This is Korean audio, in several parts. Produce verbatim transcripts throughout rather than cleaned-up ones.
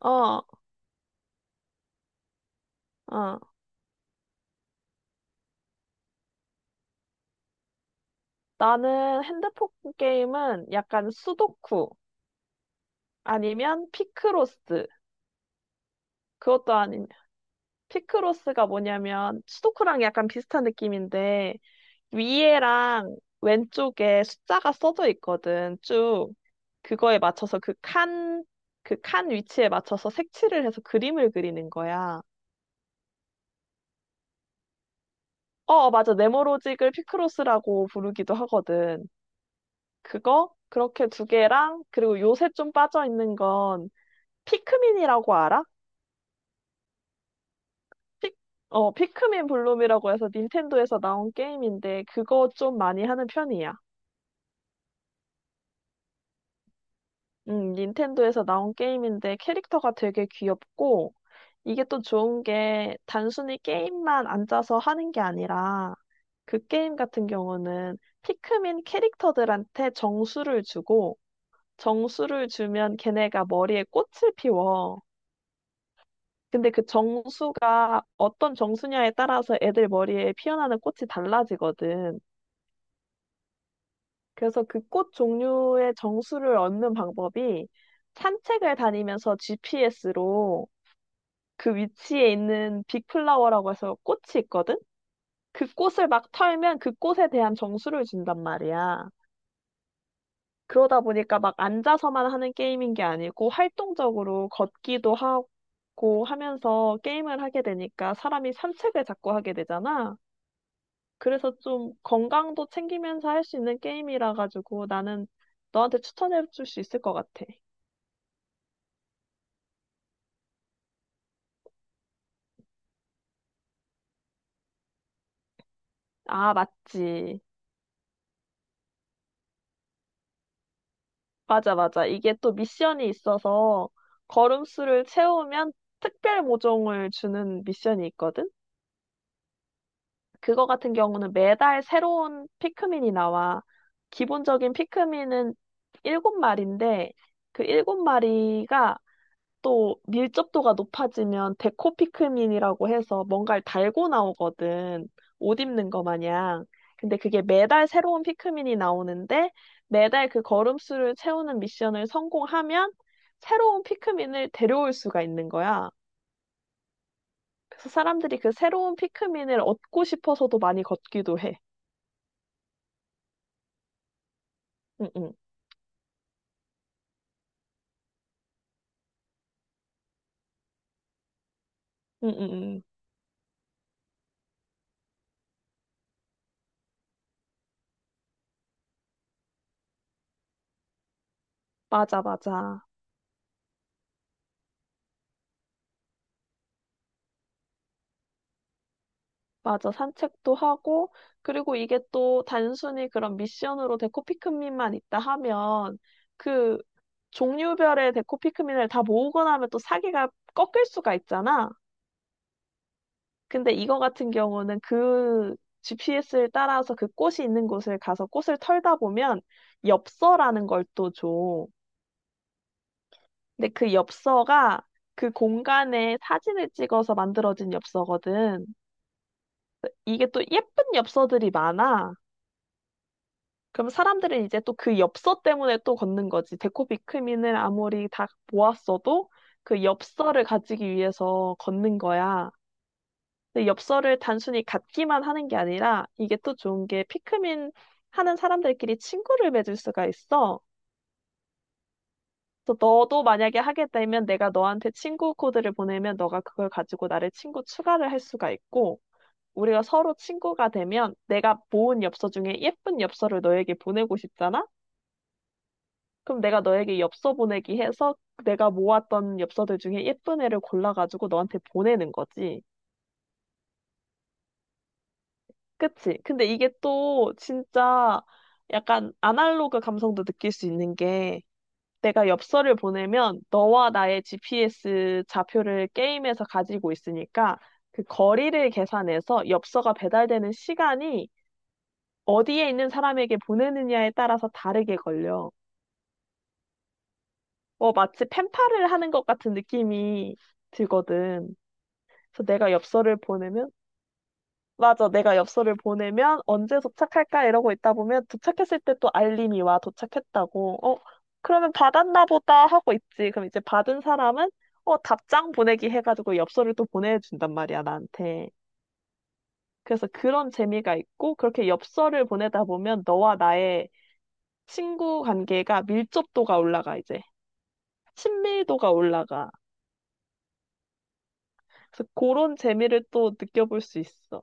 어, 어. 나는 핸드폰 게임은 약간 수도쿠 아니면 피크로스. 그것도 아니면 피크로스가 뭐냐면 수도쿠랑 약간 비슷한 느낌인데 위에랑 왼쪽에 숫자가 써져 있거든. 쭉 그거에 맞춰서 그 칸, 그 칸 위치에 맞춰서 색칠을 해서 그림을 그리는 거야. 어, 맞아. 네모로직을 피크로스라고 부르기도 하거든. 그거 그렇게 두 개랑 그리고 요새 좀 빠져 있는 건 피크민이라고 알아? 피, 어, 피크민 블룸이라고 해서 닌텐도에서 나온 게임인데 그거 좀 많이 하는 편이야. 음, 닌텐도에서 나온 게임인데 캐릭터가 되게 귀엽고 이게 또 좋은 게 단순히 게임만 앉아서 하는 게 아니라 그 게임 같은 경우는 피크민 캐릭터들한테 정수를 주고 정수를 주면 걔네가 머리에 꽃을 피워. 근데 그 정수가 어떤 정수냐에 따라서 애들 머리에 피어나는 꽃이 달라지거든. 그래서 그 꽃 종류의 정수를 얻는 방법이 산책을 다니면서 지피에스로 그 위치에 있는 빅플라워라고 해서 꽃이 있거든? 그 꽃을 막 털면 그 꽃에 대한 정수를 준단 말이야. 그러다 보니까 막 앉아서만 하는 게임인 게 아니고 활동적으로 걷기도 하고 하면서 게임을 하게 되니까 사람이 산책을 자꾸 하게 되잖아. 그래서 좀 건강도 챙기면서 할 수 있는 게임이라 가지고 나는 너한테 추천해 줄 수 있을 것 같아. 아, 맞지. 맞아, 맞아. 이게 또 미션이 있어서 걸음수를 채우면 특별 모종을 주는 미션이 있거든? 그거 같은 경우는 매달 새로운 피크민이 나와. 기본적인 피크민은 일곱 마리인데 그 일곱 마리가 또 밀접도가 높아지면 데코피크민이라고 해서 뭔가를 달고 나오거든. 옷 입는 거 마냥. 근데 그게 매달 새로운 피크민이 나오는데 매달 그 걸음수를 채우는 미션을 성공하면 새로운 피크민을 데려올 수가 있는 거야. 그래서 사람들이 그 새로운 피크민을 얻고 싶어서도 많이 걷기도 해. 응응. 응응응. 맞아, 맞아. 맞아. 산책도 하고, 그리고 이게 또 단순히 그런 미션으로 데코 피크민만 있다 하면, 그 종류별의 데코 피크민을 다 모으고 나면 또 사기가 꺾일 수가 있잖아. 근데 이거 같은 경우는 그 지피에스를 따라서 그 꽃이 있는 곳을 가서 꽃을 털다 보면 엽서라는 걸 또 줘. 근데 그 엽서가 그 공간에 사진을 찍어서 만들어진 엽서거든. 이게 또 예쁜 엽서들이 많아. 그럼 사람들은 이제 또 그 엽서 때문에 또 걷는 거지. 데코비크민을 아무리 다 모았어도 그 엽서를 가지기 위해서 걷는 거야. 근데 엽서를 단순히 갖기만 하는 게 아니라 이게 또 좋은 게 피크민 하는 사람들끼리 친구를 맺을 수가 있어. 그래서 너도 만약에 하게 되면 내가 너한테 친구 코드를 보내면 너가 그걸 가지고 나를 친구 추가를 할 수가 있고 우리가 서로 친구가 되면 내가 모은 엽서 중에 예쁜 엽서를 너에게 보내고 싶잖아? 그럼 내가 너에게 엽서 보내기 해서 내가 모았던 엽서들 중에 예쁜 애를 골라가지고 너한테 보내는 거지. 그치? 근데 이게 또 진짜 약간 아날로그 감성도 느낄 수 있는 게 내가 엽서를 보내면 너와 나의 지피에스 좌표를 게임에서 가지고 있으니까 그 거리를 계산해서 엽서가 배달되는 시간이 어디에 있는 사람에게 보내느냐에 따라서 다르게 걸려. 뭐 마치 펜팔을 하는 것 같은 느낌이 들거든. 그래서 내가 엽서를 보내면 맞아, 내가 엽서를 보내면 언제 도착할까 이러고 있다 보면 도착했을 때 또 알림이 와 도착했다고. 어, 그러면 받았나 보다 하고 있지. 그럼 이제 받은 사람은 어, 답장 보내기 해가지고 엽서를 또 보내준단 말이야, 나한테. 그래서 그런 재미가 있고 그렇게 엽서를 보내다 보면 너와 나의 친구 관계가 밀접도가 올라가 이제 친밀도가 올라가. 그래서 그런 재미를 또 느껴볼 수 있어.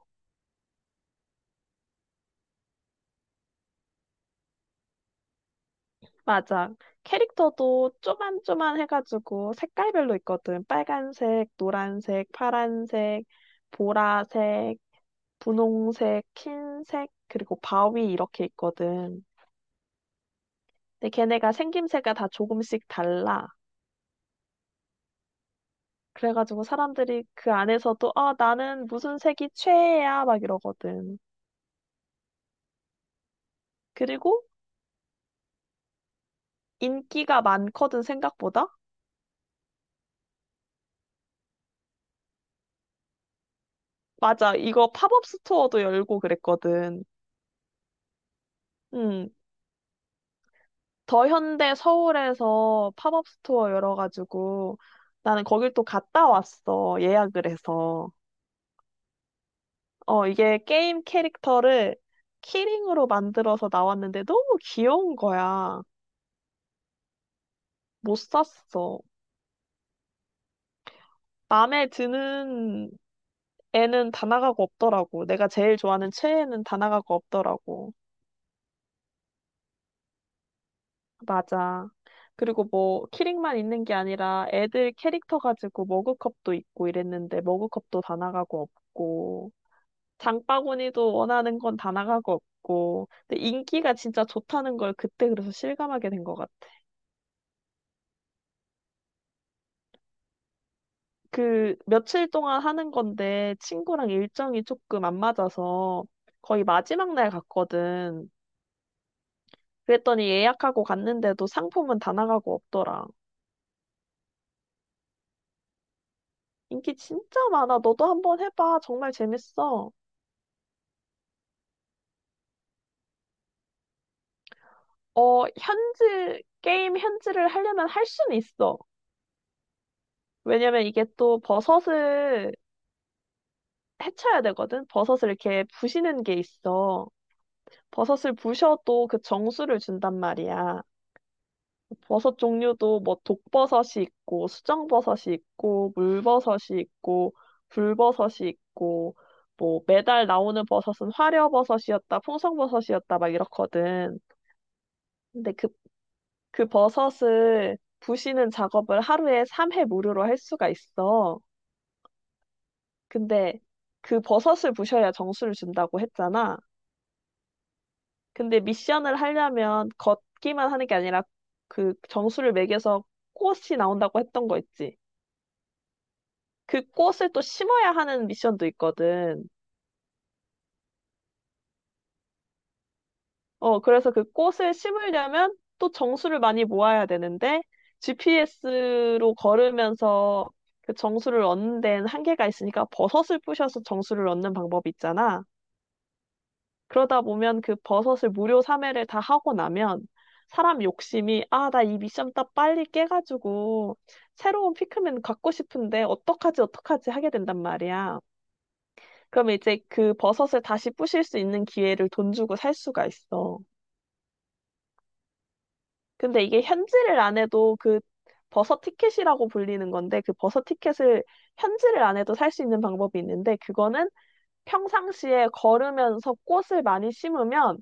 맞아. 캐릭터도 쪼만쪼만 해가지고 색깔별로 있거든. 빨간색, 노란색, 파란색, 보라색, 분홍색, 흰색, 그리고 바위 이렇게 있거든. 근데 걔네가 생김새가 다 조금씩 달라. 그래가지고 사람들이 그 안에서도 아, 나는 무슨 색이 최애야 막 이러거든. 그리고 인기가 많거든 생각보다. 맞아. 이거 팝업 스토어도 열고 그랬거든. 음. 더 현대 서울에서 팝업 스토어 열어가지고 나는 거길 또 갔다 왔어. 예약을 해서. 어, 이게 게임 캐릭터를 키링으로 만들어서 나왔는데 너무 귀여운 거야. 못 샀어. 마음에 드는 애는 다나가고 없더라고. 내가 제일 좋아하는 최애는 다나가고 없더라고. 맞아. 그리고 뭐 키링만 있는 게 아니라 애들 캐릭터 가지고 머그컵도 있고 이랬는데 머그컵도 다나가고 없고. 장바구니도 원하는 건 다 나가고 없고. 근데 인기가 진짜 좋다는 걸 그때 그래서 실감하게 된 것 같아. 그 며칠 동안 하는 건데 친구랑 일정이 조금 안 맞아서 거의 마지막 날 갔거든. 그랬더니 예약하고 갔는데도 상품은 다 나가고 없더라. 인기 진짜 많아. 너도 한번 해봐. 정말 재밌어. 어, 현질, 게임 현질을 하려면 할 수는 있어. 왜냐면 이게 또 버섯을 해쳐야 되거든. 버섯을 이렇게 부시는 게 있어. 버섯을 부셔도 그 정수를 준단 말이야. 버섯 종류도 뭐 독버섯이 있고 수정버섯이 있고 물버섯이 있고 불버섯이 있고 뭐 매달 나오는 버섯은 화려버섯이었다, 풍성버섯이었다 막 이렇거든. 근데 그, 그 버섯을 부시는 작업을 하루에 삼 회 무료로 할 수가 있어. 근데 그 버섯을 부셔야 정수를 준다고 했잖아. 근데 미션을 하려면 걷기만 하는 게 아니라 그 정수를 매겨서 꽃이 나온다고 했던 거 있지. 그 꽃을 또 심어야 하는 미션도 있거든. 어, 그래서 그 꽃을 심으려면 또 정수를 많이 모아야 되는데 지피에스로 걸으면서 그 정수를 얻는 데는 한계가 있으니까 버섯을 부셔서 정수를 얻는 방법이 있잖아. 그러다 보면 그 버섯을 무료 삼 회를 다 하고 나면 사람 욕심이 아, 나 이 미션 딱 빨리 깨가지고 새로운 피크맨 갖고 싶은데 어떡하지 어떡하지 하게 된단 말이야. 그러면 이제 그 버섯을 다시 부실 수 있는 기회를 돈 주고 살 수가 있어. 근데 이게 현질을 안 해도 그 버섯 티켓이라고 불리는 건데 그 버섯 티켓을 현질을 안 해도 살 수 있는 방법이 있는데 그거는 평상시에 걸으면서 꽃을 많이 심으면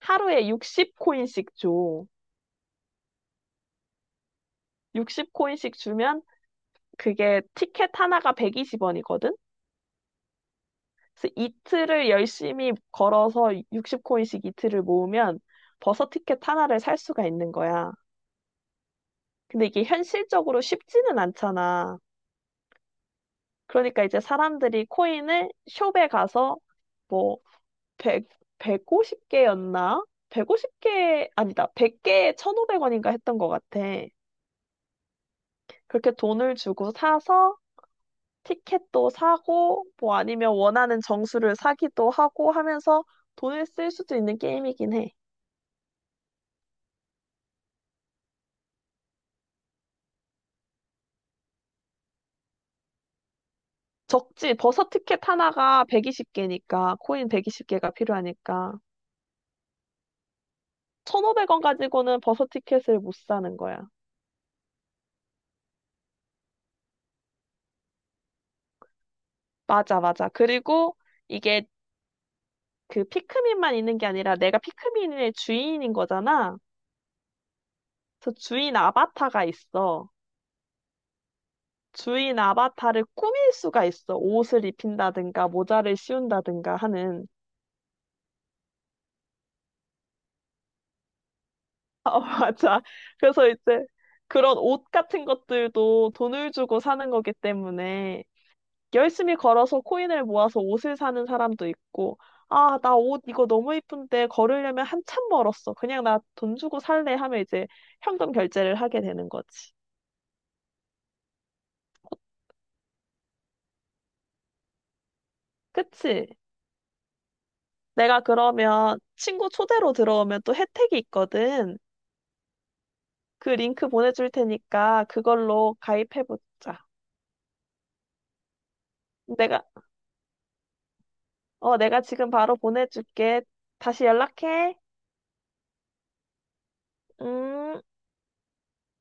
하루에 육십 코인씩 줘. 육십 코인씩 주면 그게 티켓 하나가 백이십 원이거든? 그래서 이틀을 열심히 걸어서 육십 코인씩 이틀을 모으면 버서 티켓 하나를 살 수가 있는 거야. 근데 이게 현실적으로 쉽지는 않잖아. 그러니까 이제 사람들이 코인을 숍에 가서 뭐 백, 백오십 개였나? 백오십 개, 아니다. 백 개에 천오백 원인가 했던 것 같아. 그렇게 돈을 주고 사서 티켓도 사고, 뭐 아니면 원하는 정수를 사기도 하고 하면서 돈을 쓸 수도 있는 게임이긴 해. 적지, 버섯 티켓 하나가 백이십 개니까, 코인 백이십 개가 필요하니까. 천오백 원 가지고는 버섯 티켓을 못 사는 거야. 맞아, 맞아. 그리고 이게 그 피크민만 있는 게 아니라 내가 피크민의 주인인 거잖아. 그 주인 아바타가 있어. 주인 아바타를 꾸밀 수가 있어. 옷을 입힌다든가, 모자를 씌운다든가 하는. 맞아. 그래서 이제 그런 옷 같은 것들도 돈을 주고 사는 거기 때문에 열심히 걸어서 코인을 모아서 옷을 사는 사람도 있고, 아, 나 옷 이거 너무 이쁜데 걸으려면 한참 멀었어. 그냥 나 돈 주고 살래 하면 이제 현금 결제를 하게 되는 거지. 그치? 내가 그러면 친구 초대로 들어오면 또 혜택이 있거든. 그 링크 보내줄 테니까 그걸로 가입해보자. 내가, 어, 내가 지금 바로 보내줄게. 다시 연락해. 음.